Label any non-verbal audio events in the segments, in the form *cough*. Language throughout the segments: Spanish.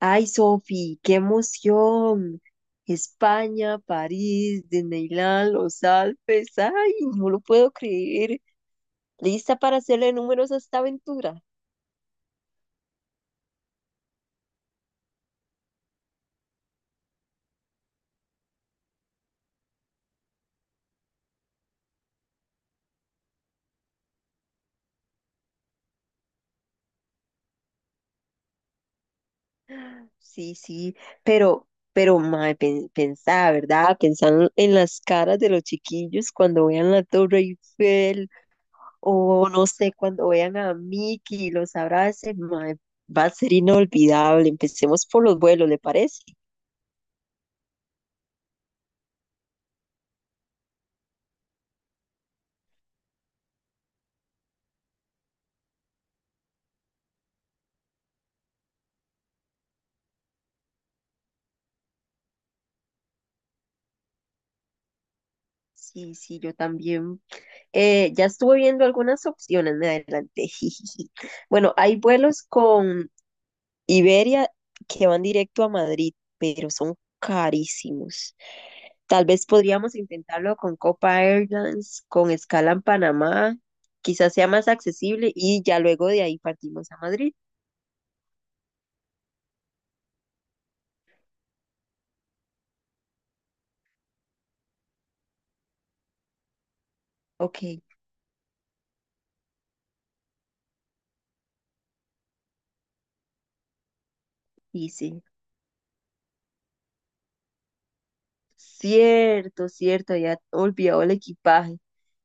Ay, Sofi, qué emoción. España, París, Disneyland, los Alpes. Ay, no lo puedo creer. ¿Lista para hacerle números a esta aventura? Sí, sí, pero, mae, pensá, ¿verdad? Pensar en las caras de los chiquillos cuando vean la Torre Eiffel o no sé, cuando vean a Mickey y los abracen, mae, va a ser inolvidable. Empecemos por los vuelos, ¿le parece? Sí, sí, yo también. Ya estuve viendo algunas opciones, me adelanté. *laughs* Jijiji. Bueno, hay vuelos con Iberia que van directo a Madrid, pero son carísimos. Tal vez podríamos intentarlo con Copa Airlines, con escala en Panamá, quizás sea más accesible y ya luego de ahí partimos a Madrid. Ok, y sí, cierto, cierto, ya olvidado el equipaje.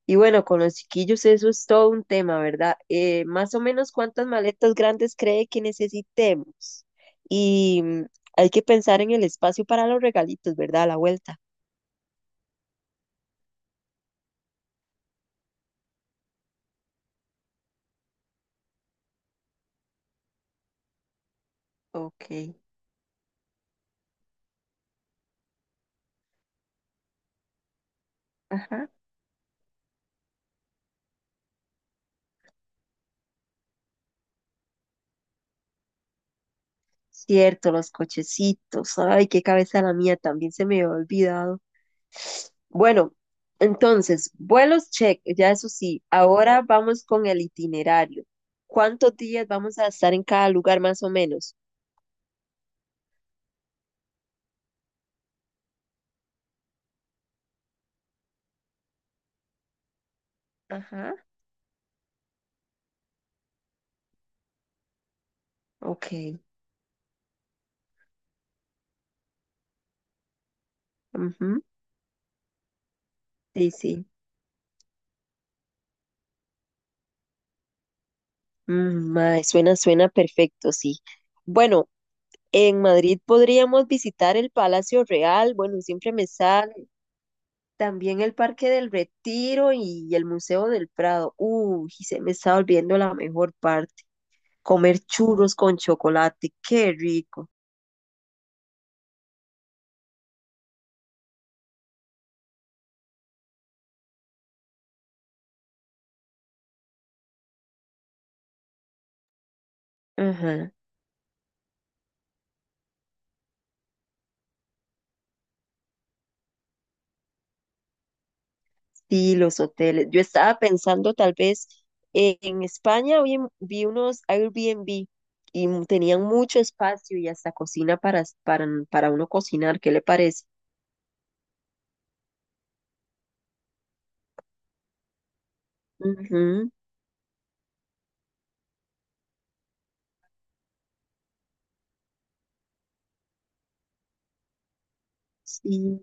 Y bueno, con los chiquillos eso es todo un tema, ¿verdad? Más o menos cuántas maletas grandes cree que necesitemos. Y hay que pensar en el espacio para los regalitos, ¿verdad? A la vuelta. Ok, ajá. Cierto, los cochecitos. Ay, qué cabeza la mía, también se me había olvidado. Bueno, entonces, vuelos check, ya eso sí. Ahora vamos con el itinerario. ¿Cuántos días vamos a estar en cada lugar más o menos? Ajá, ok. Ujú, sí, sí. Mm, mae, suena perfecto, sí. Bueno, en Madrid podríamos visitar el Palacio Real, bueno, siempre me sale, también el Parque del Retiro y el Museo del Prado. Uy, y se me está olvidando la mejor parte, comer churros con chocolate, qué rico. Ajá, sí, los hoteles. Yo estaba pensando tal vez en España, vi unos Airbnb y tenían mucho espacio y hasta cocina para uno cocinar, ¿qué le parece? Ujú, sí,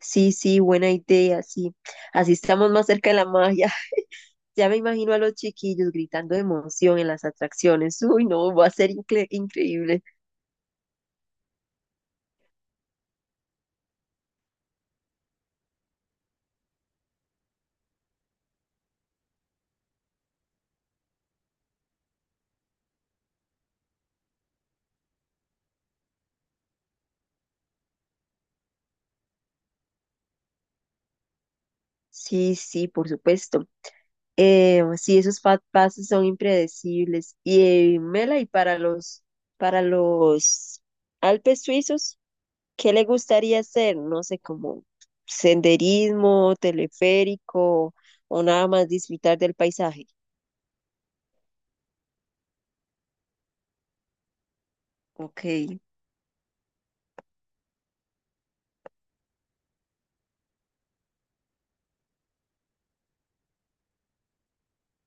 sí, sí, buena idea, sí. Así estamos más cerca de la magia. *laughs* Ya me imagino a los chiquillos gritando de emoción en las atracciones. Uy, no, va a ser increíble. Sí, sí, por supuesto. Sí, esos fat pases son impredecibles. Y Mela, y para los Alpes suizos, ¿qué le gustaría hacer? No sé, como senderismo, teleférico o nada más disfrutar del paisaje. Ok,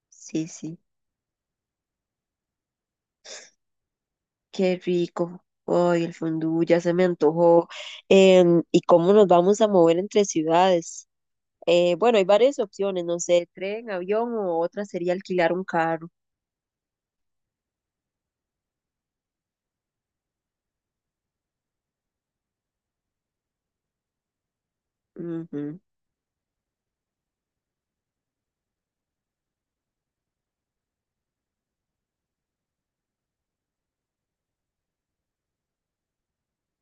sí, sí, qué rico. Ay, el fondue ya se me antojó. ¿Y cómo nos vamos a mover entre ciudades? Bueno, hay varias opciones, no sé, tren, avión o otra sería alquilar un carro. Ujú.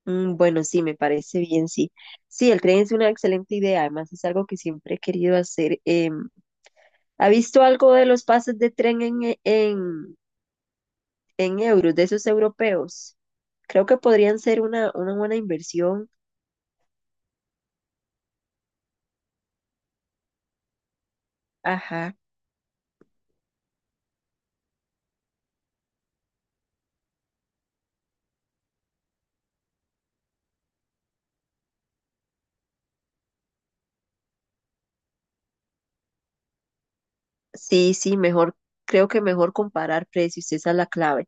Mm, bueno, sí, me parece bien, sí. Sí, el tren es una excelente idea, además es algo que siempre he querido hacer. ¿Ha visto algo de los pases de tren en euros, de esos europeos? Creo que podrían ser una buena inversión. Ajá. Sí, sí, mejor, creo que mejor comparar precios, esa es la clave.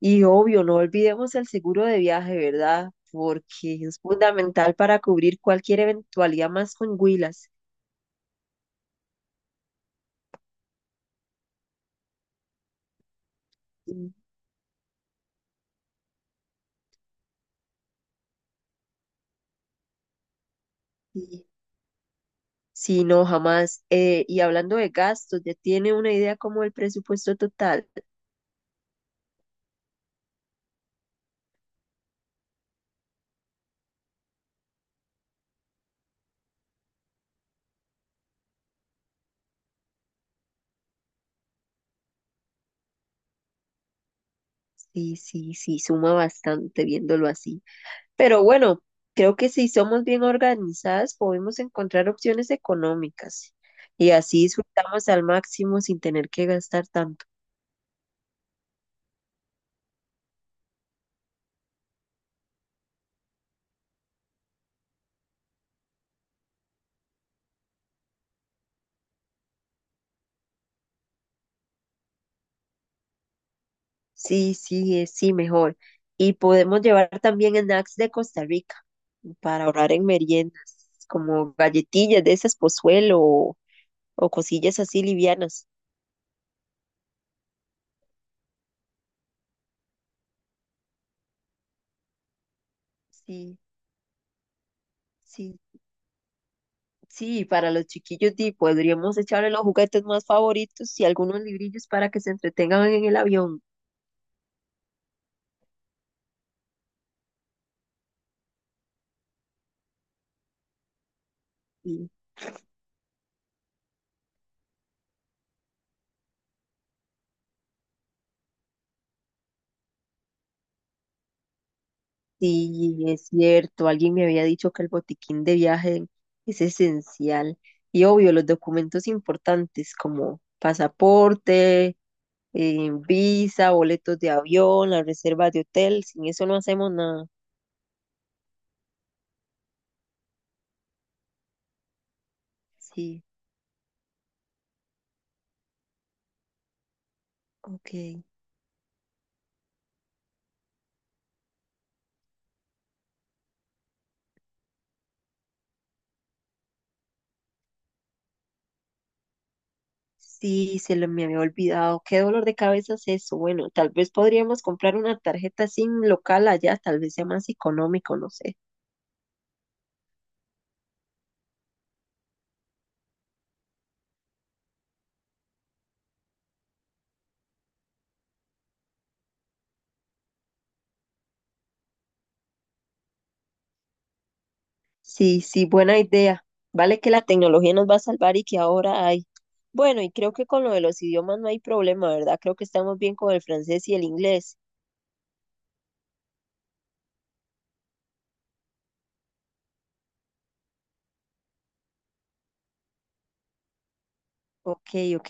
Y obvio, no olvidemos el seguro de viaje, ¿verdad? Porque es fundamental para cubrir cualquier eventualidad más con Huilas. Sí, sí, sí, no, jamás. Y hablando de gastos, ¿ya tiene una idea como el presupuesto total? Sí, sí, sí, suma bastante viéndolo así. Pero bueno, creo que si somos bien organizadas podemos encontrar opciones económicas y así disfrutamos al máximo sin tener que gastar tanto. Sí, sí, sí, mejor. Y podemos llevar también snacks de Costa Rica para ahorrar en meriendas, como galletillas de esas Pozuelo o cosillas así livianas. Sí, sí, sí, para los chiquillos di, podríamos echarle los juguetes más favoritos y algunos librillos para que se entretengan en el avión. Sí, es cierto. Alguien me había dicho que el botiquín de viaje es esencial. Y obvio, los documentos importantes como pasaporte, visa, boletos de avión, la reserva de hotel. Sin eso no hacemos nada. Sí, ok. Sí, se lo, me había olvidado. Qué dolor de cabeza es eso. Bueno, tal vez podríamos comprar una tarjeta SIM local allá, tal vez sea más económico, no sé. Sí, sí, buena idea. Vale que la tecnología nos va a salvar y que ahora hay. Bueno, y creo que con lo de los idiomas no hay problema, ¿verdad? Creo que estamos bien con el francés y el inglés. Ok, ok.